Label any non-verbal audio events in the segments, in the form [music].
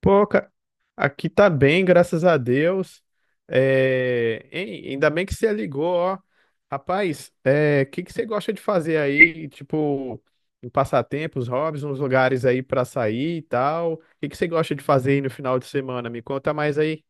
Pô, aqui tá bem, graças a Deus. É, hein, ainda bem que você ligou, ó. Rapaz, o que que você gosta de fazer aí? Tipo, em passatempos, hobbies, uns lugares aí pra sair e tal. O que que você gosta de fazer aí no final de semana? Me conta mais aí.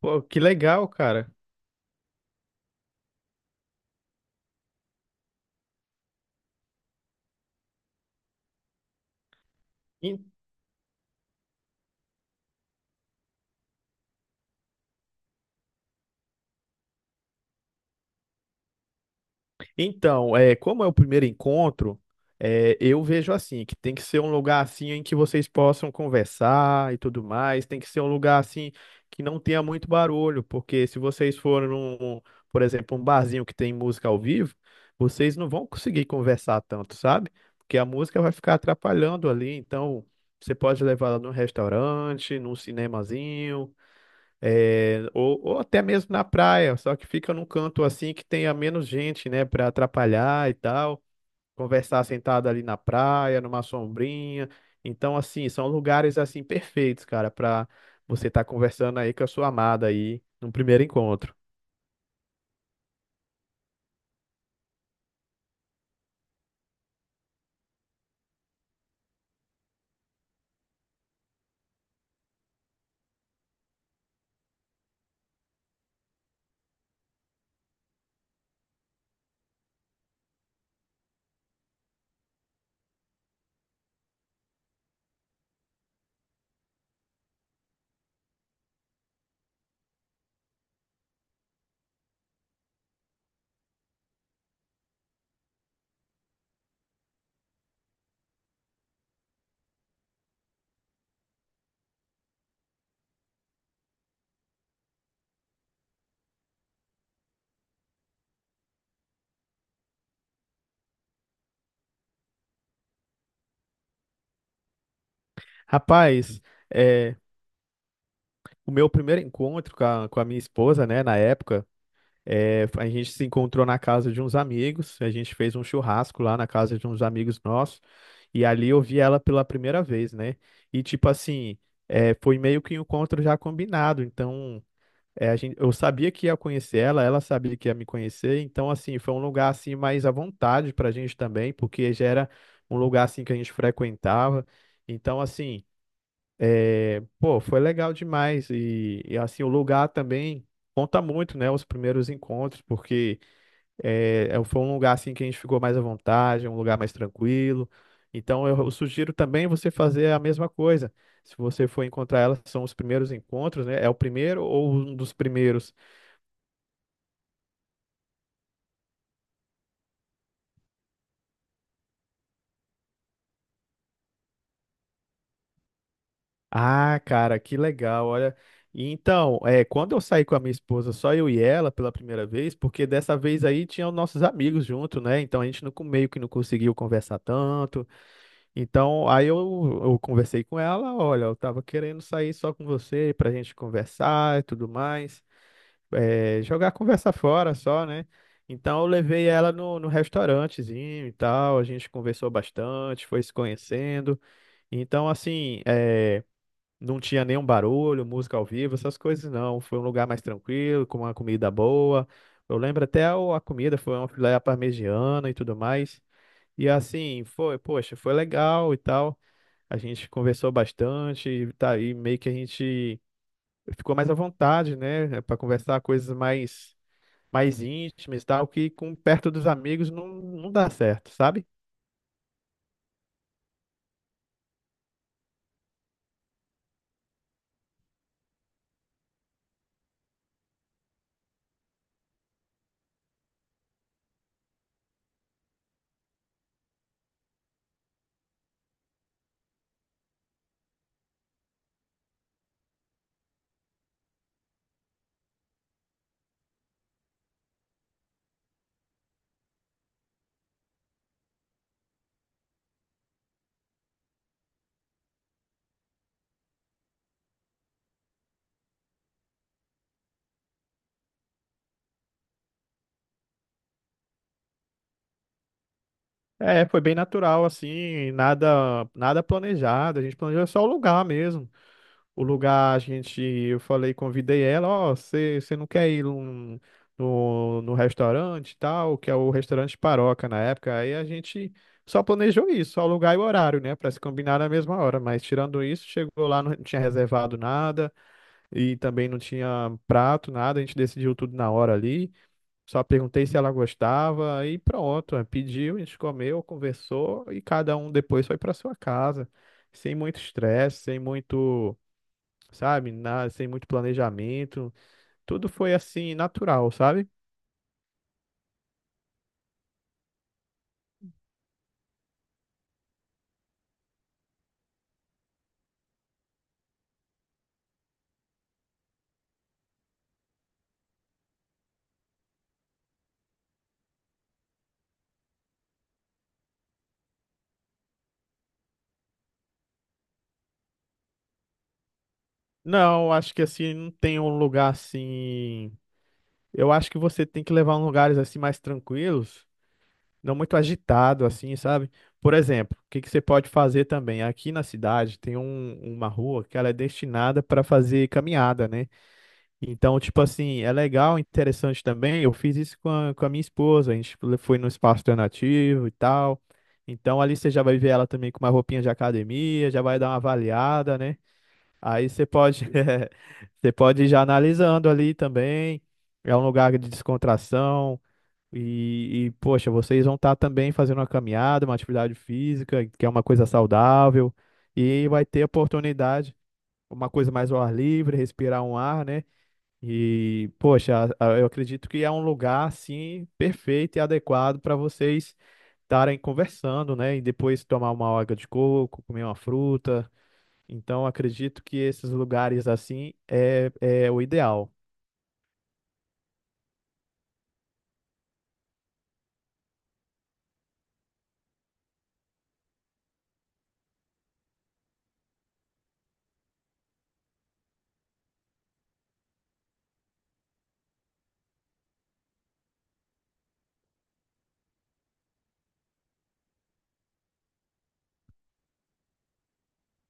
Pô, que legal, cara. Então, é, como é o primeiro encontro, é, eu vejo assim, que tem que ser um lugar assim em que vocês possam conversar e tudo mais, tem que ser um lugar assim que não tenha muito barulho, porque se vocês forem num, por exemplo, um barzinho que tem música ao vivo, vocês não vão conseguir conversar tanto, sabe? Porque a música vai ficar atrapalhando ali, então você pode levar ela num restaurante, num cinemazinho, é, ou até mesmo na praia, só que fica num canto assim que tenha menos gente, né, para atrapalhar e tal, conversar sentado ali na praia, numa sombrinha. Então, assim, são lugares assim perfeitos, cara, para você estar conversando aí com a sua amada aí num primeiro encontro. Rapaz, é, o meu primeiro encontro com a minha esposa, né, na época. É, a gente se encontrou na casa de uns amigos, a gente fez um churrasco lá na casa de uns amigos nossos, e ali eu vi ela pela primeira vez, né? E tipo assim, é, foi meio que um encontro já combinado, então é, a gente, eu sabia que ia conhecer ela, ela sabia que ia me conhecer, então assim, foi um lugar assim mais à vontade pra gente também, porque já era um lugar assim que a gente frequentava, então assim. É, pô, foi legal demais e, assim o lugar também conta muito, né? Os primeiros encontros, porque é, foi um lugar assim que a gente ficou mais à vontade, um lugar mais tranquilo. Então eu sugiro também você fazer a mesma coisa. Se você for encontrar ela, são os primeiros encontros, né? É o primeiro ou um dos primeiros. Ah, cara, que legal, olha. E então, é, quando eu saí com a minha esposa, só eu e ela pela primeira vez, porque dessa vez aí tinham nossos amigos junto, né? Então a gente não, meio que não conseguiu conversar tanto. Então, eu conversei com ela, olha, eu tava querendo sair só com você pra gente conversar e tudo mais. É, jogar a conversa fora só, né? Então eu levei ela no restaurantezinho e tal, a gente conversou bastante, foi se conhecendo. Então, assim, é. Não tinha nenhum barulho, música ao vivo, essas coisas não. Foi um lugar mais tranquilo, com uma comida boa. Eu lembro até a comida foi uma filé à parmegiana e tudo mais. E assim, foi, poxa, foi legal e tal. A gente conversou bastante, e tá aí meio que a gente ficou mais à vontade, né, para conversar coisas mais mais íntimas e tal, que com perto dos amigos não, não dá certo, sabe? É, foi bem natural assim, nada planejado, a gente planejou só o lugar mesmo. O lugar, a gente, eu falei, convidei ela, ó, você não quer ir no, no restaurante e tal, que é o restaurante Paroca na época, aí a gente só planejou isso, só o lugar e o horário, né, para se combinar na mesma hora, mas tirando isso, chegou lá, não tinha reservado nada e também não tinha prato, nada, a gente decidiu tudo na hora ali, só perguntei se ela gostava aí pronto. Aí pediu, a gente comeu, conversou e cada um depois foi para sua casa, sem muito estresse, sem muito, sabe? Sem muito planejamento. Tudo foi assim, natural, sabe? Não, acho que assim, não tem um lugar assim. Eu acho que você tem que levar em lugares assim mais tranquilos, não muito agitado, assim, sabe? Por exemplo, o que que você pode fazer também? Aqui na cidade tem uma rua que ela é destinada para fazer caminhada, né? Então, tipo assim, é legal, interessante também. Eu fiz isso com a minha esposa. A gente foi no espaço alternativo e tal. Então, ali você já vai ver ela também com uma roupinha de academia, já vai dar uma avaliada, né? Aí você pode, [laughs] você pode ir já analisando ali também. É um lugar de descontração. E, poxa, vocês vão estar também fazendo uma caminhada, uma atividade física, que é uma coisa saudável. E vai ter oportunidade, uma coisa mais ao ar livre, respirar um ar, né? E, poxa, eu acredito que é um lugar assim perfeito e adequado para vocês estarem conversando, né? E depois tomar uma água de coco, comer uma fruta. Então, acredito que esses lugares assim é, é o ideal.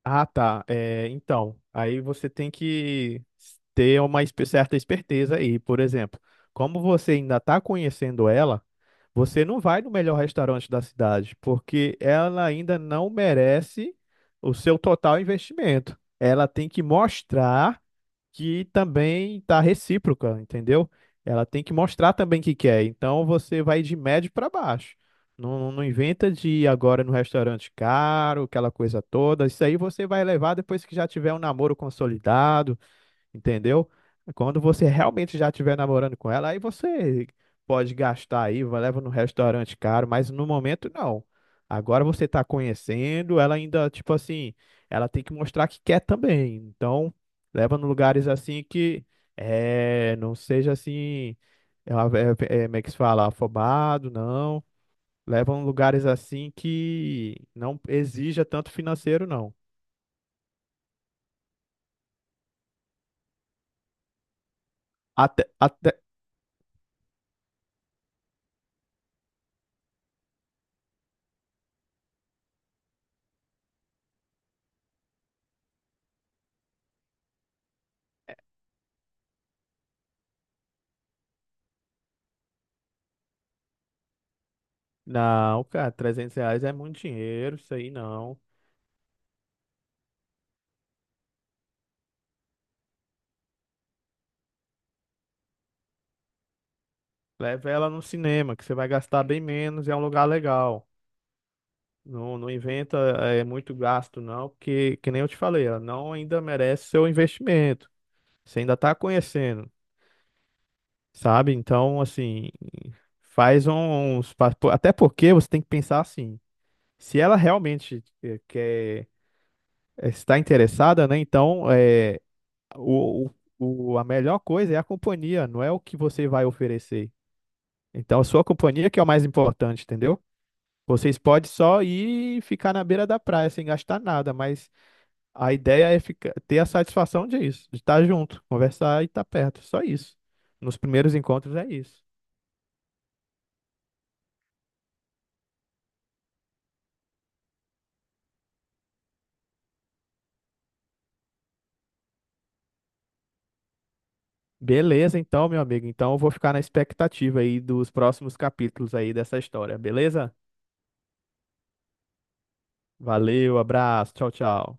Ah, tá. É, então, aí você tem que ter uma certa esperteza aí. Por exemplo, como você ainda está conhecendo ela. Você não vai no melhor restaurante da cidade, porque ela ainda não merece o seu total investimento. Ela tem que mostrar que também está recíproca, entendeu? Ela tem que mostrar também que quer. Então você vai de médio para baixo. Não, inventa de ir agora no restaurante caro, aquela coisa toda. Isso aí você vai levar depois que já tiver um namoro consolidado. Entendeu? Quando você realmente já estiver namorando com ela, aí você pode gastar aí, leva no restaurante caro, mas no momento não. Agora você tá conhecendo, ela ainda, tipo assim, ela tem que mostrar que quer também. Então, leva em lugares assim que é, não seja assim, é, é, é, como é que se fala, afobado, não. Leva em lugares assim que não exija tanto financeiro, não. Até, até, Não, cara, R$ 300 é muito dinheiro, isso aí não. Leva ela no cinema, que você vai gastar bem menos e é um lugar legal. Não, inventa é, muito gasto, não, porque, que nem eu te falei, ela não ainda merece seu investimento. Você ainda tá conhecendo, sabe? Então, assim, faz um, uns. Até porque você tem que pensar assim: se ela realmente quer, está interessada, né? Então, é, o, a melhor coisa é a companhia, não é o que você vai oferecer. Então, a sua companhia que é o mais importante, entendeu? Vocês podem só ir e ficar na beira da praia sem gastar nada, mas a ideia é ficar, ter a satisfação disso, de estar junto, conversar e estar perto, só isso. Nos primeiros encontros é isso. Beleza, então, meu amigo. Então, eu vou ficar na expectativa aí dos próximos capítulos aí dessa história, beleza? Valeu, abraço, tchau, tchau.